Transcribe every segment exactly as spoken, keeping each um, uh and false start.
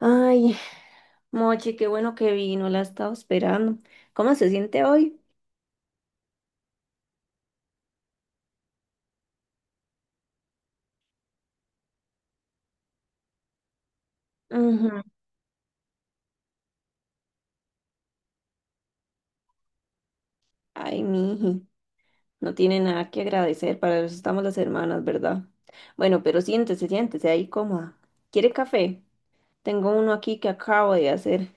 Ay, Mochi, qué bueno que vino, la estaba esperando. ¿Cómo se siente hoy? Ujú. Ay, miji, no tiene nada que agradecer, para eso estamos las hermanas, ¿verdad? Bueno, pero siéntese, siéntese ahí cómoda. ¿Quiere café? Tengo uno aquí que acabo de hacer.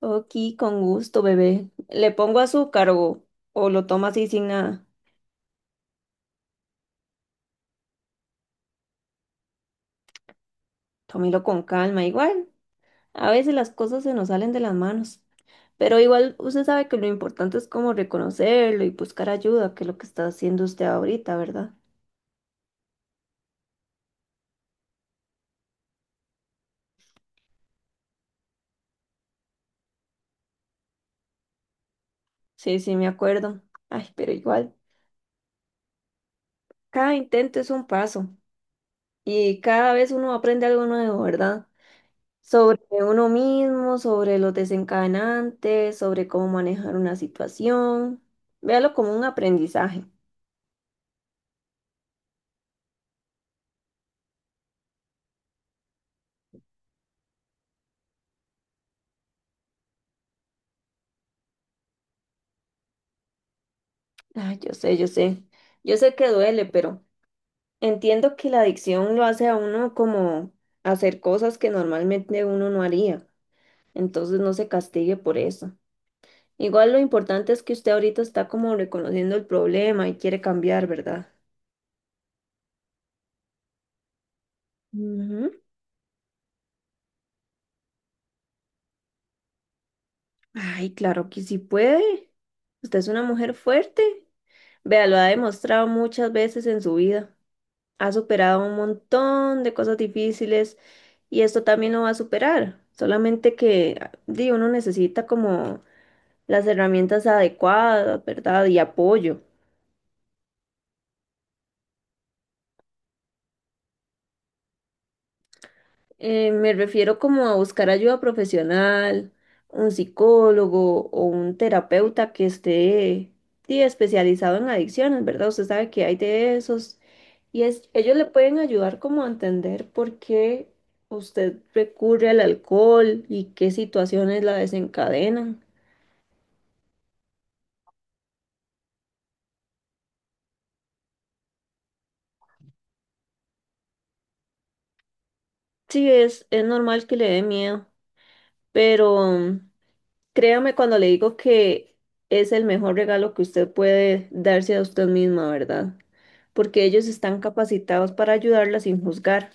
Ok, con gusto, bebé. ¿Le pongo azúcar o, o lo toma así sin nada? Tómelo con calma, igual. A veces las cosas se nos salen de las manos, pero igual usted sabe que lo importante es como reconocerlo y buscar ayuda, que es lo que está haciendo usted ahorita, ¿verdad? Sí, sí, me acuerdo. Ay, pero igual, cada intento es un paso y cada vez uno aprende algo nuevo, ¿verdad? Sobre uno mismo, sobre los desencadenantes, sobre cómo manejar una situación. Véalo como un aprendizaje. Ay, yo sé, yo sé. Yo sé que duele, pero entiendo que la adicción lo hace a uno como hacer cosas que normalmente uno no haría, entonces no se castigue por eso. Igual lo importante es que usted ahorita está como reconociendo el problema y quiere cambiar, ¿verdad? Ujú. Ay, claro que sí puede. Usted es una mujer fuerte. Vea, lo ha demostrado muchas veces en su vida. Ha superado un montón de cosas difíciles y esto también lo va a superar. Solamente que, di, uno necesita como las herramientas adecuadas, ¿verdad? Y apoyo. Eh, me refiero como a buscar ayuda profesional, un psicólogo o un terapeuta que esté sí, especializado en adicciones, ¿verdad? Usted sabe que hay de esos y es, ellos le pueden ayudar como a entender por qué usted recurre al alcohol y qué situaciones la desencadenan. Sí, es, es normal que le dé miedo, pero créame cuando le digo que es el mejor regalo que usted puede darse a usted misma, ¿verdad? Porque ellos están capacitados para ayudarla sin juzgar.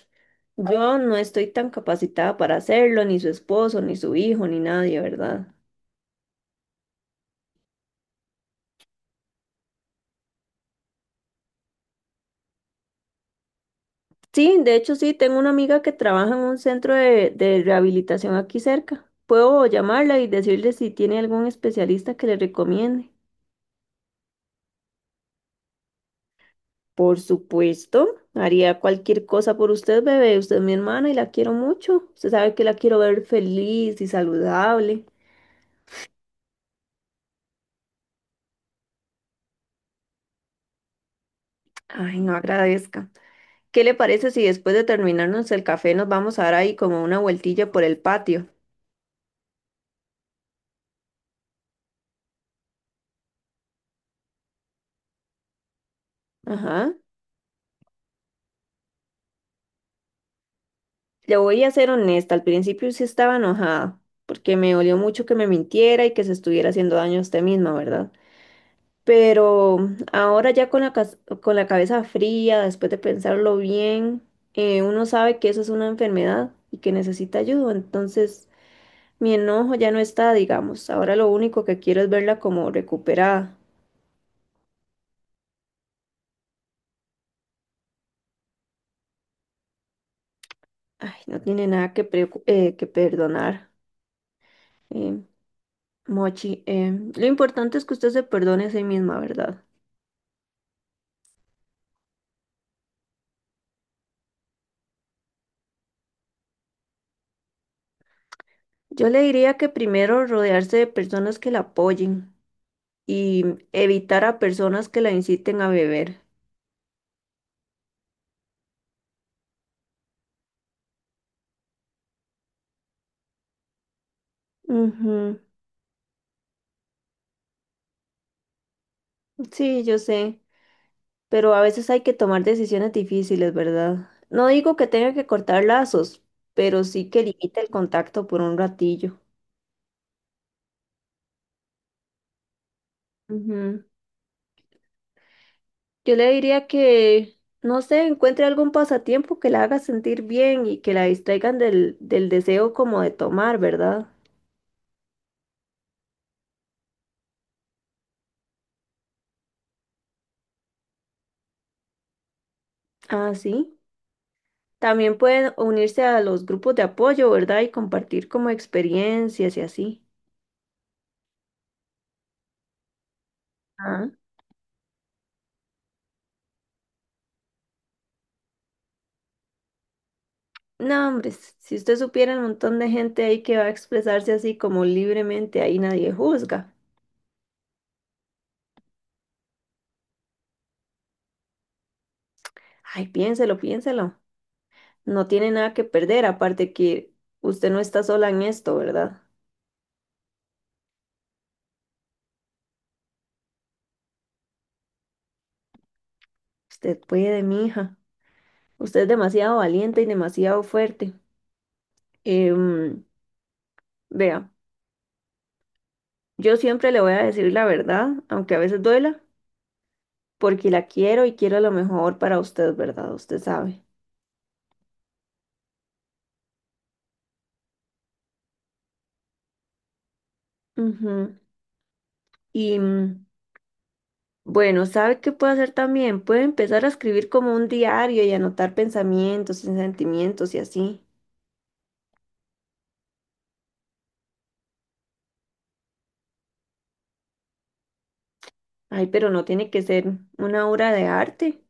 Yo no estoy tan capacitada para hacerlo, ni su esposo, ni su hijo, ni nadie, ¿verdad? Sí, de hecho sí, tengo una amiga que trabaja en un centro de, de rehabilitación aquí cerca. Puedo llamarla y decirle si tiene algún especialista que le recomiende. Por supuesto, haría cualquier cosa por usted, bebé. Usted es mi hermana y la quiero mucho. Usted sabe que la quiero ver feliz y saludable. Ay, no agradezca. ¿Qué le parece si después de terminarnos el café nos vamos a dar ahí como una vueltilla por el patio? Ajá. Le voy a ser honesta, al principio sí estaba enojada, porque me dolió mucho que me mintiera y que se estuviera haciendo daño a usted misma, ¿verdad? Pero ahora ya con la, cas- con la cabeza fría, después de pensarlo bien, eh, uno sabe que eso es una enfermedad y que necesita ayuda. Entonces, mi enojo ya no está, digamos. Ahora lo único que quiero es verla como recuperada. Ay, no tiene nada que, preocu- eh, que perdonar. eh, Mochi, Eh, lo importante es que usted se perdone a sí misma, ¿verdad? Yo le diría que primero rodearse de personas que la apoyen y evitar a personas que la inciten a beber. Ujú. Sí, yo sé, pero a veces hay que tomar decisiones difíciles, ¿verdad? No digo que tenga que cortar lazos, pero sí que limite el contacto por un ratillo. Ujú. Yo le diría que, no sé, encuentre algún pasatiempo que la haga sentir bien y que la distraigan del, del deseo como de tomar, ¿verdad? Ah, sí. También pueden unirse a los grupos de apoyo, ¿verdad? Y compartir como experiencias y así. Ah. No, hombre, s- si usted supiera el montón de gente ahí que va a expresarse así como libremente, ahí nadie juzga. Ay, piénselo, piénselo. No tiene nada que perder, aparte que usted no está sola en esto, ¿verdad? Usted puede, mija. Usted es demasiado valiente y demasiado fuerte. Em, vea, yo siempre le voy a decir la verdad, aunque a veces duela, porque la quiero y quiero lo mejor para usted, ¿verdad? Usted sabe. Ujú. Y mm, Bueno, ¿sabe qué puede hacer también? Puede empezar a escribir como un diario y anotar pensamientos y sentimientos y así. Ay, pero no tiene que ser una obra de arte.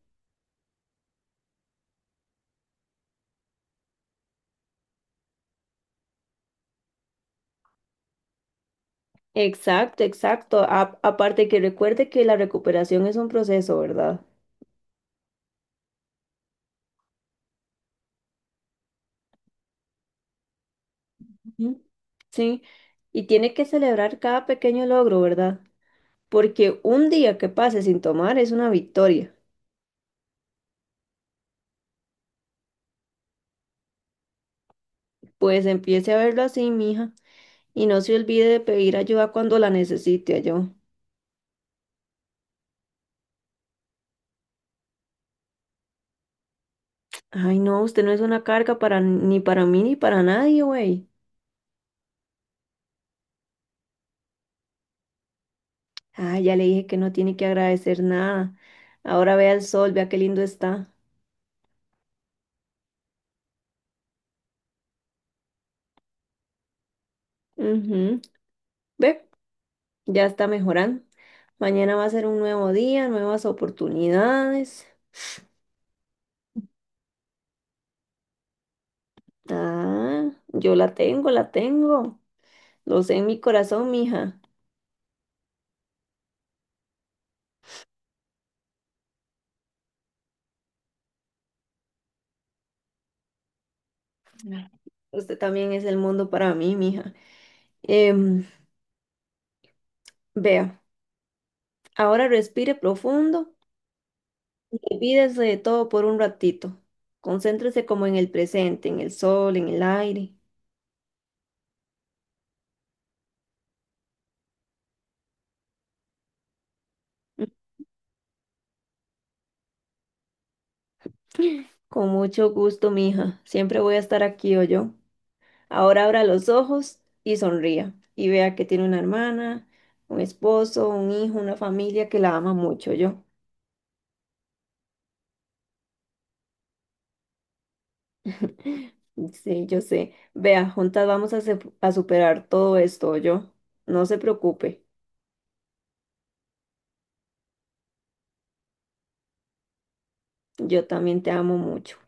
Exacto, exacto. A- aparte que recuerde que la recuperación es un proceso, ¿verdad? Ujú. Sí, y tiene que celebrar cada pequeño logro, ¿verdad? Porque un día que pase sin tomar es una victoria. Pues empiece a verlo así, mija, y no se olvide de pedir ayuda cuando la necesite, yo. Ay, no, usted no es una carga para ni para mí ni para nadie, güey. Ah, ya le dije que no tiene que agradecer nada. Ahora vea el sol, vea qué lindo está. Ujú. Ve, ya está mejorando. Mañana va a ser un nuevo día, nuevas oportunidades. Ah, yo la tengo, la tengo. Lo sé en mi corazón, mija. Usted también es el mundo para mí, mija. Em, vea, ahora respire profundo. Olvídese de todo por un ratito. Concéntrese como en el presente, en el sol, en el aire. Mm, Con mucho gusto, mija. Siempre voy a estar aquí o yo. Ahora abra los ojos y sonría. Y vea que tiene una hermana, un esposo, un hijo, una familia que la ama mucho, yo. Sí, yo sé. Vea, juntas vamos a, se- a superar todo esto, yo. No se preocupe. Yo también te amo mucho.